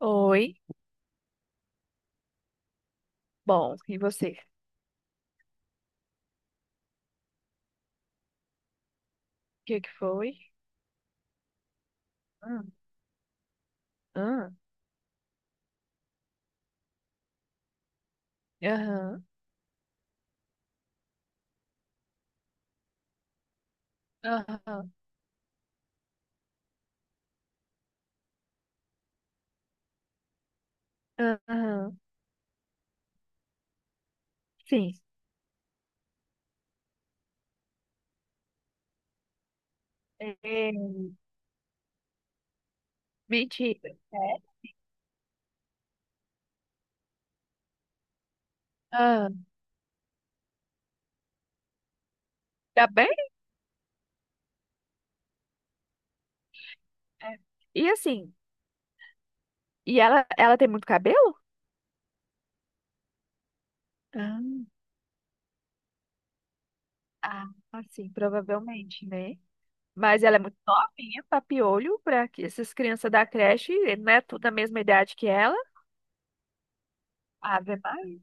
Oi. Bom, e você? O que que foi? Hum. Aham, aham, aham, aham. Sim. É, mentira. É, ah, tá bem? É. E assim, e ela tem muito cabelo? Ah, ah, assim, provavelmente, né? Mas ela é muito novinha, papiolho, pra que essas crianças da creche, não é tudo da mesma idade que ela. Ave Maria,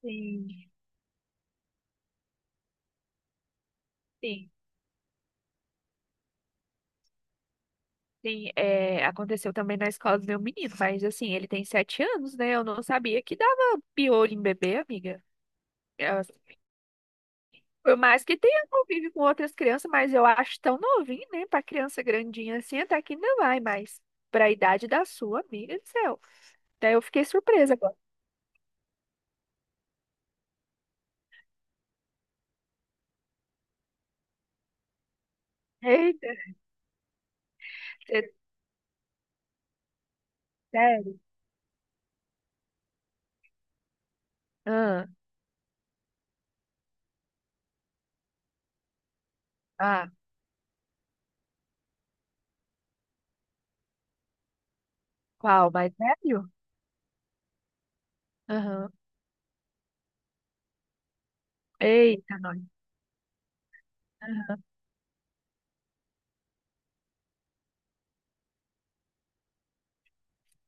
sim, sim. Sim, é, aconteceu também na escola do meu menino, mas assim, ele tem sete anos, né? Eu não sabia que dava piolho em bebê, amiga. Eu- por mais que tenha convívio com outras crianças, mas eu acho tão novinho, né? Pra criança grandinha assim, até que ainda vai, mas pra idade da sua, amiga do céu. Até eu fiquei surpresa agora. Eita, é sério? Ah, ah, qual? Mais velho? Aham. Eita, nós. Aham.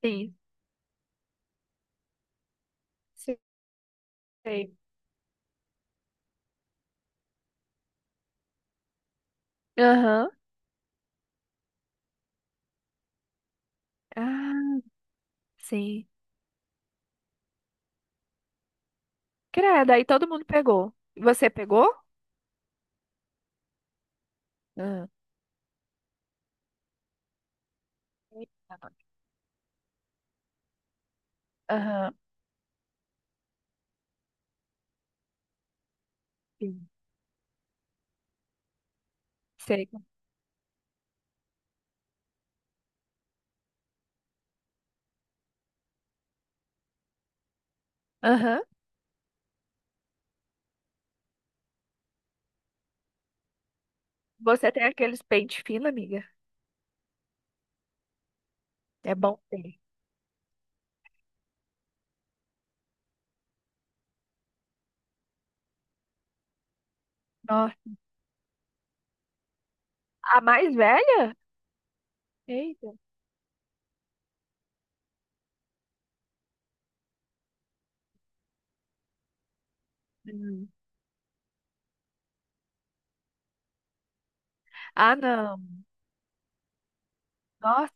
Sim, sei. Aham. Ah, sim. Credo, aí todo mundo pegou. Você pegou? Hum. Aham. Sim. Sei. Aham. Você tem aqueles pente fino, amiga? É bom ter. Nossa. A mais velha? Eita. Hum. Ah, não. Nossa,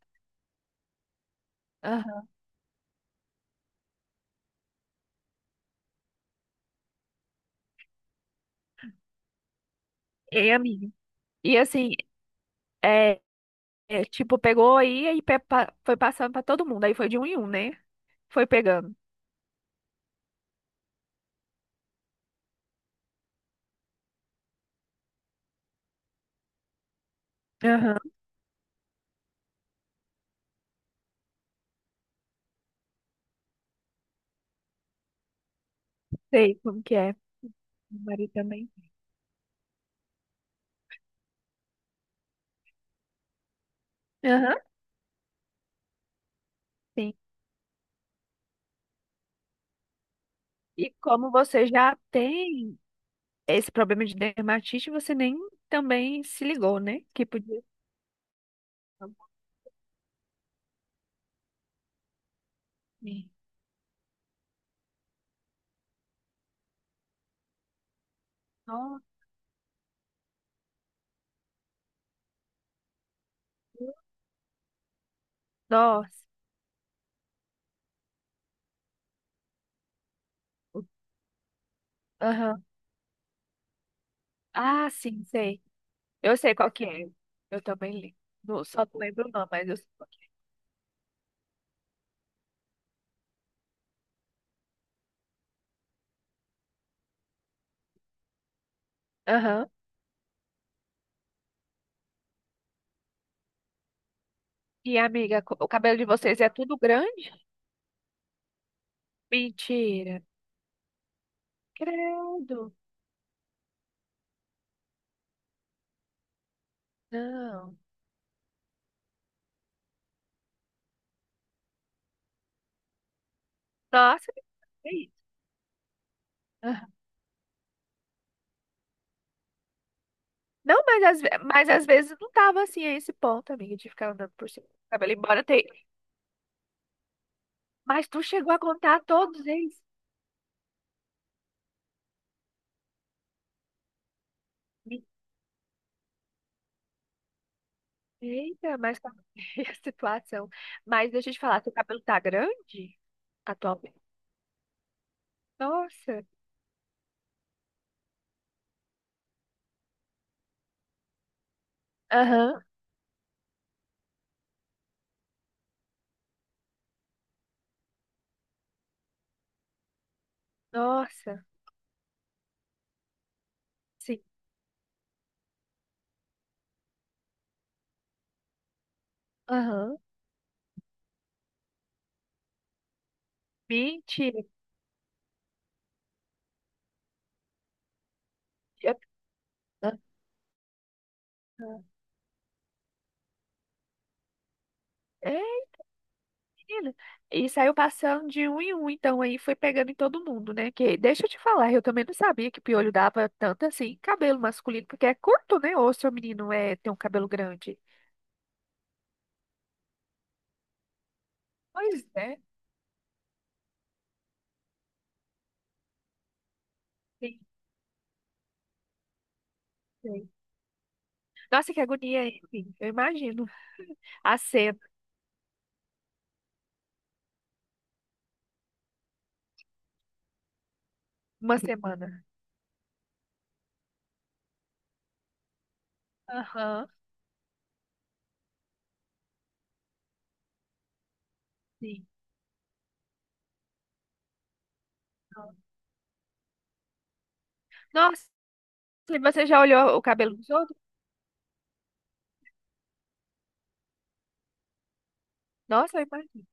aham, ei, amiga. E assim, é, é, tipo, pegou aí e foi passando pra todo mundo. Aí foi de um em um, né? Foi pegando. Aham. Sei como que é. Meu marido também. Aham. Sim. E como você já tem. Esse problema de dermatite você nem também se ligou, né? Que podia. Sim. Nossa. Nossa. Aham. Ah, sim, sei. Eu sei qual que é. Eu também li. Não, Só não lembro não, mas eu sei qual que é. Aham. E amiga, o cabelo de vocês é tudo grande? Mentira. Credo. Não. Nossa, que isso? Aham. Não, mas mas às vezes não tava assim a esse ponto, amiga, de ficar andando por cima do cabelo, embora tenha. Mas tu chegou a contar todos eles? Eita, mas tá a situação. Mas deixa eu te falar, seu cabelo tá grande atualmente? Nossa. Aham. Nossa. Sim. Aham. Mentira. Eu- Aham. É, menina. E saiu passando de um em um, então aí foi pegando em todo mundo, né? Que, deixa eu te falar, eu também não sabia que piolho dava tanto assim em cabelo masculino, porque é curto, né? Ou seu menino é, tem um cabelo grande. Pois é. Sim, sim. Nossa, que agonia, hein? Eu imagino. A cena, uma semana. Aham. Sim. Nossa, e você já olhou o cabelo dos outros? Nossa, eu imagino.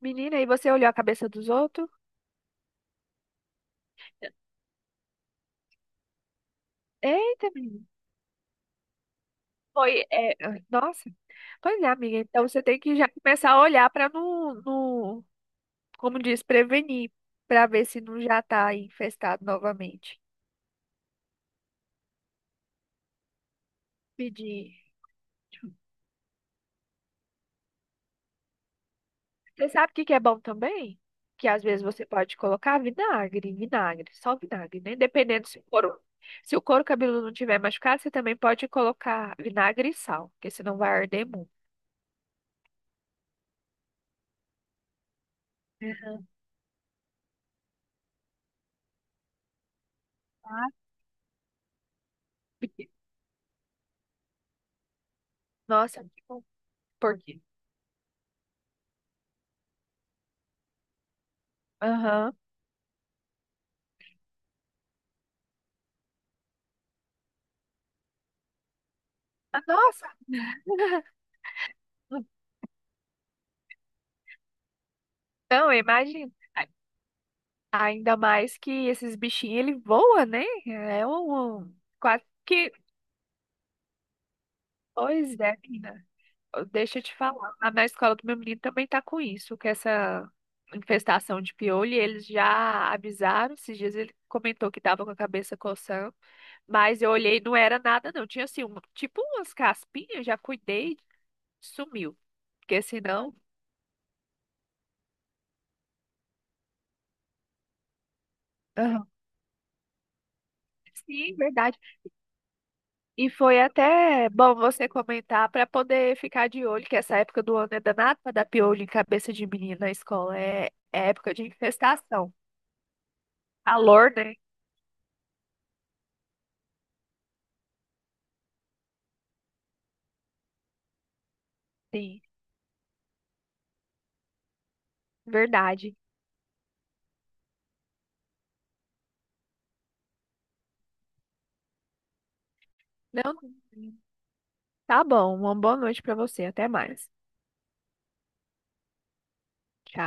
Menina, e você olhou a cabeça dos outros? Eita, menina. Foi, é, nossa. Pois é, amiga. Então você tem que já começar a olhar para não, não, como diz, prevenir, para ver se não já tá infestado novamente. Pedir. Você sabe o que que é bom também? Que às vezes você pode colocar vinagre, só vinagre, né? Dependendo se o couro, se o couro cabeludo não tiver machucado, você também pode colocar vinagre e sal, porque senão vai arder muito. Aham. Ah, porque- nossa, que bom. Por quê? Aham. Ah, nossa! Não, imagina. A- ainda mais que esses bichinhos, ele voa, né? É um um- quase que... Pois é, menina. Deixa eu te falar, lá na escola do meu menino também tá com isso, com essa infestação de piolho, e eles já avisaram, esses dias ele comentou que tava com a cabeça coçando, mas eu olhei, não era nada não, tinha assim, um, tipo umas caspinhas, já cuidei, sumiu, porque senão... Aham. Sim, verdade. E foi até bom você comentar para poder ficar de olho, que essa época do ano é danada para dar piolho em cabeça de menino na escola. É, é época de infestação. Calor, né? Sim, verdade. Não, tá bom. Uma boa noite pra você. Até mais. Tchau.